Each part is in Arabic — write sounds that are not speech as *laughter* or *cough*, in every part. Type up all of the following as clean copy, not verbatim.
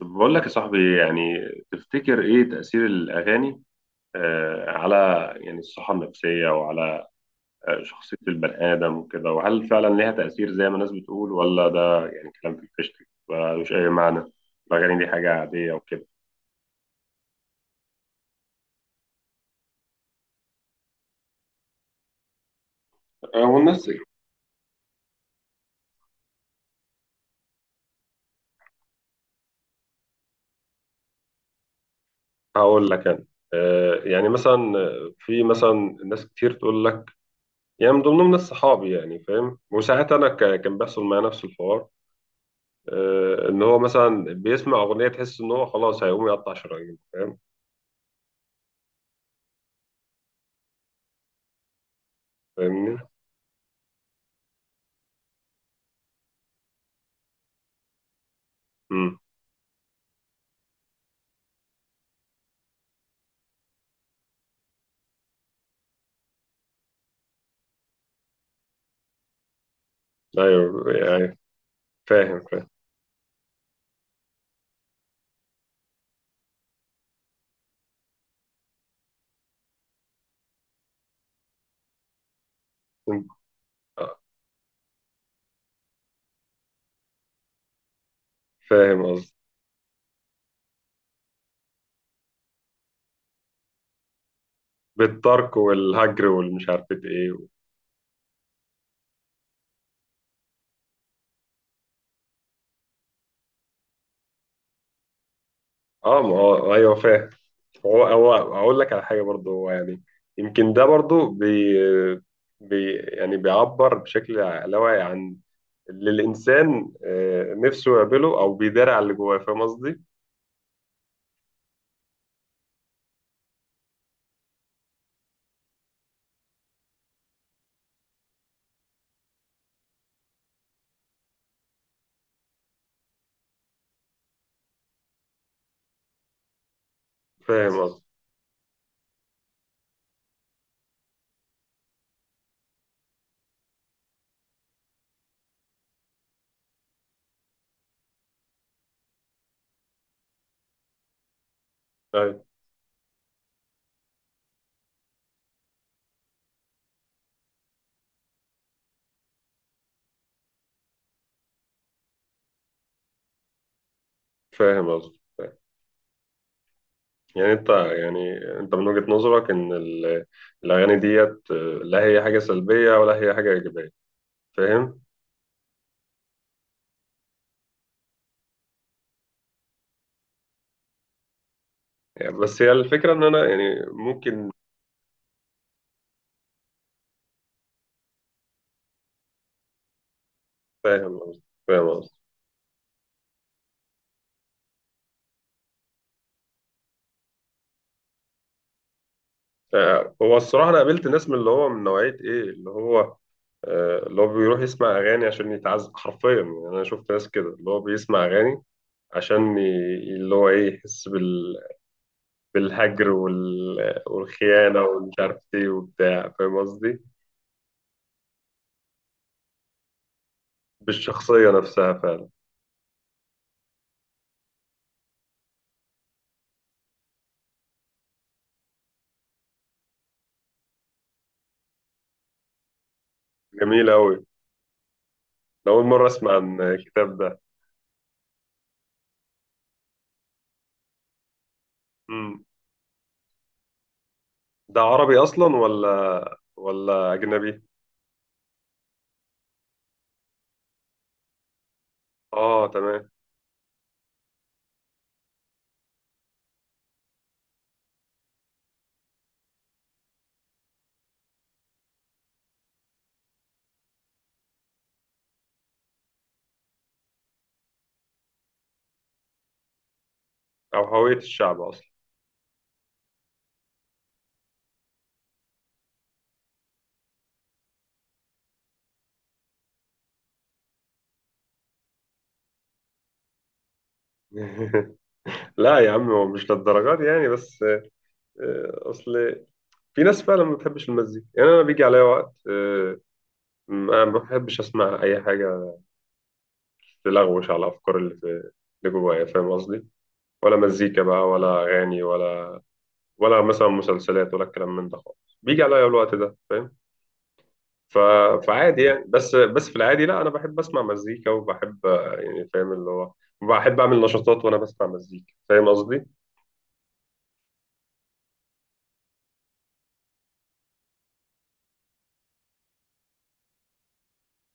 طب بقول لك يا صاحبي تفتكر ايه تأثير الأغاني على الصحة النفسية وعلى شخصية البني آدم وكده، وهل فعلا ليها تأثير زي ما الناس بتقول، ولا ده يعني كلام في الفشت ملوش أي معنى؟ الأغاني دي حاجة عادية وكده. والناس. هقول لك أنا. يعني مثلا، في مثلا ناس كتير تقول لك، يعني من ضمنهم ناس صحابي، يعني فاهم، وساعات أنا كان بيحصل معايا نفس الحوار. ان هو مثلا بيسمع اغنيه تحس ان هو خلاص هيقوم يقطع شرايين، فاهم؟ فاهمني؟ امم ايوه يعني. فاهم. فاهم. آه، فاهم قصدي. بالترك والهجر والمش عارف ايه اه، ما هو ايوه فاهم. هو اقول لك على حاجه برضو، هو يعني يمكن ده برضو بي يعني بيعبر بشكل لا واعي عن اللي الانسان نفسه يقابله او بيدار على اللي جواه، فاهم قصدي؟ فاهم قصدي. ايوه فاهم قصدي. يعني انت، يعني انت من وجهة نظرك، الاغاني ديت لا هي حاجة سلبية ولا هي حاجة ايجابية، فاهم؟ يعني بس هي الفكرة ان انا يعني ممكن. فاهم قصدي. فاهم قصدي. هو الصراحة انا قابلت ناس من اللي هو من نوعية ايه، اللي هو اللي هو بيروح يسمع اغاني عشان يتعذب حرفيا، يعني انا شفت ناس كده اللي هو بيسمع اغاني عشان ي... اللي هو ايه، يحس بالهجر والخيانه ومش عارف ايه وبتاع، فاهم قصدي؟ بالشخصيه نفسها فعلا. جميل أوي. ده أول مرة أسمع عن الكتاب ده. مم. ده عربي أصلا ولا أجنبي؟ آه تمام. أو هوية الشعب أصلا. *laughs* لا يا عم، هو مش للدرجات يعني، بس أصل في ناس فعلا ما بتحبش المزيكا، يعني أنا بيجي عليا وقت ما بحبش أسمع أي حاجة تلغوش على الأفكار اللي في اللي جوايا، فاهم قصدي؟ ولا مزيكا بقى ولا أغاني، ولا ولا مثلا مسلسلات ولا الكلام من ده خالص، بيجي عليا الوقت ده، فاهم؟ ف... فعادي يعني، بس في العادي لا، انا بحب اسمع مزيكا، وبحب يعني فاهم اللي هو بحب اعمل نشاطات وانا بسمع مزيكا، فاهم قصدي.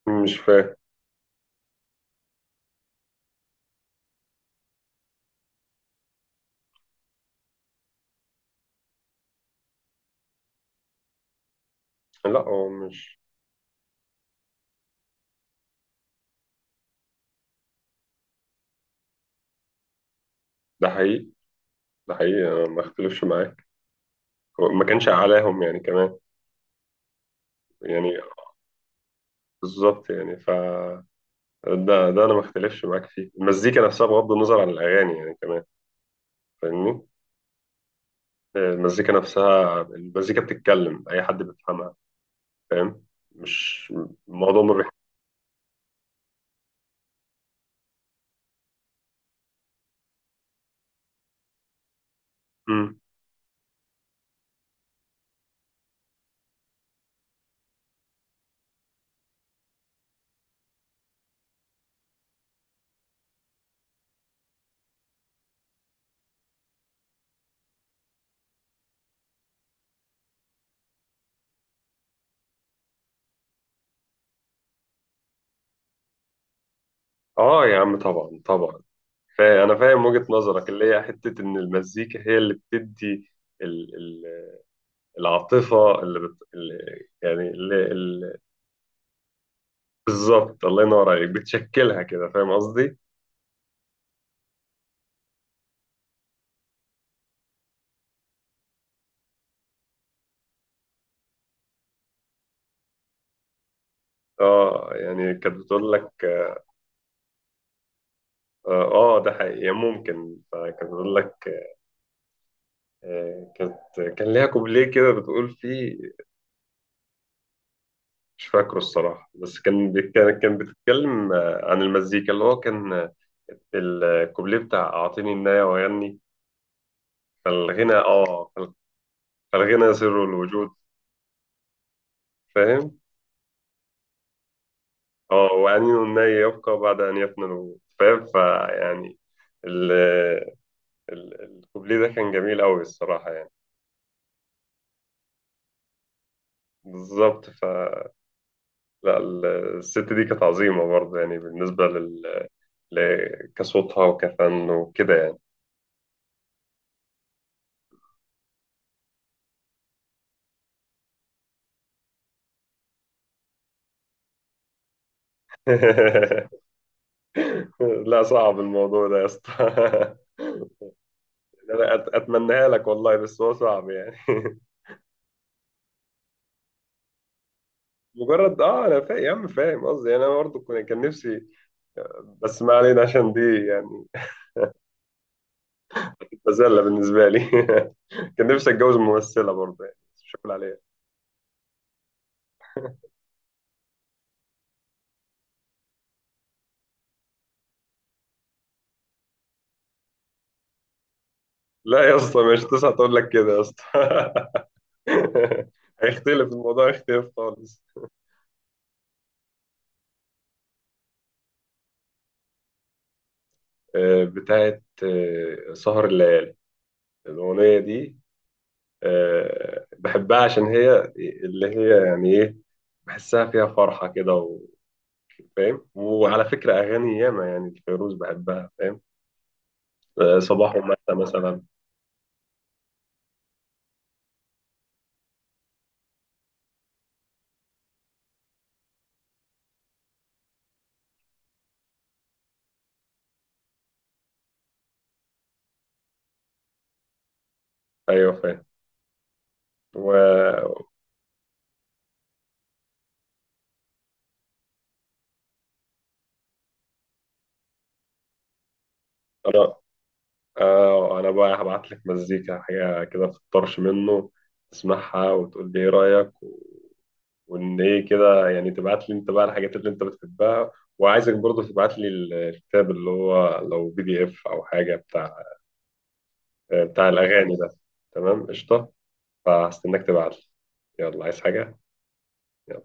مش فاهم. لا هو مش. ده حقيقي. ده حقيقي، انا ما اختلفش معاك. هو ما كانش اعلاهم يعني كمان. يعني بالظبط يعني، ف ده، ده انا ما اختلفش معاك فيه، المزيكا نفسها بغض النظر عن الاغاني يعني كمان. فاهمني؟ المزيكا نفسها، المزيكا بتتكلم اي حد بيفهمها، فاهم؟ مش الموضوع ما بيح... مم. اه يا عم، طبعا طبعا. أنا فاهم وجهة نظرك، اللي هي حتة إن المزيكا هي اللي بتدي ال- ال- العاطفة اللي يعني بالظبط، الله ينور عليك، بتشكلها كده، فاهم قصدي؟ اه يعني كانت بتقول لك. اه ده حقيقي ممكن. فكانت بتقول لك كانت، كان ليها كوبليه كده بتقول فيه، مش فاكره الصراحة، بس كان بتتكلم عن المزيكا اللي هو كان الكوبليه بتاع أعطيني النايه وأغني. فالغنى اه، فالغنى سر الوجود، فاهم؟ اه، وأنين الناي يبقى بعد أن يفنى الوجود، فاهم؟ فيعني ال- الكوبليه ده كان جميل أوي الصراحة يعني. بالظبط، ف لا الست دي كانت عظيمة برضه، يعني كصوتها وكفن وكده يعني. *laughs* لا، صعب الموضوع ده يا اسطى. *laughs* انا اتمناها لك والله، بس هو صعب يعني. *laughs* مجرد اه، انا فاهم يا عم، فاهم قصدي، انا برضه كان نفسي، بس ما علينا، عشان دي يعني مزلة بالنسبة لي. *laughs* كان نفسي اتجوز ممثلة برضه يعني، بس مش هقول عليها. لا يا اسطى، مش تسعة تقول لك كده يا اسطى. *laughs* هيختلف الموضوع، هيختلف خالص. بتاعت سهر الليالي، الأغنية دي بحبها عشان هي اللي هي يعني ايه، بحسها فيها فرحة كده فاهم. وعلى فكرة أغاني ياما يعني الفيروز بحبها، فاهم؟ صباح ومساء مثلا. أيوه فاهم. و... آه انا بقى هبعت لك مزيكا، حاجه كده في الطرش منه، تسمعها وتقول لي ايه رايك، وان ايه كده يعني، تبعت لي انت بقى الحاجات اللي انت بتحبها، وعايزك برضه تبعت لي الكتاب اللي هو، لو PDF او حاجه بتاع بتاع الاغاني ده. تمام قشطه. فهستناك تبعت لي. يلا، عايز حاجه؟ يلا.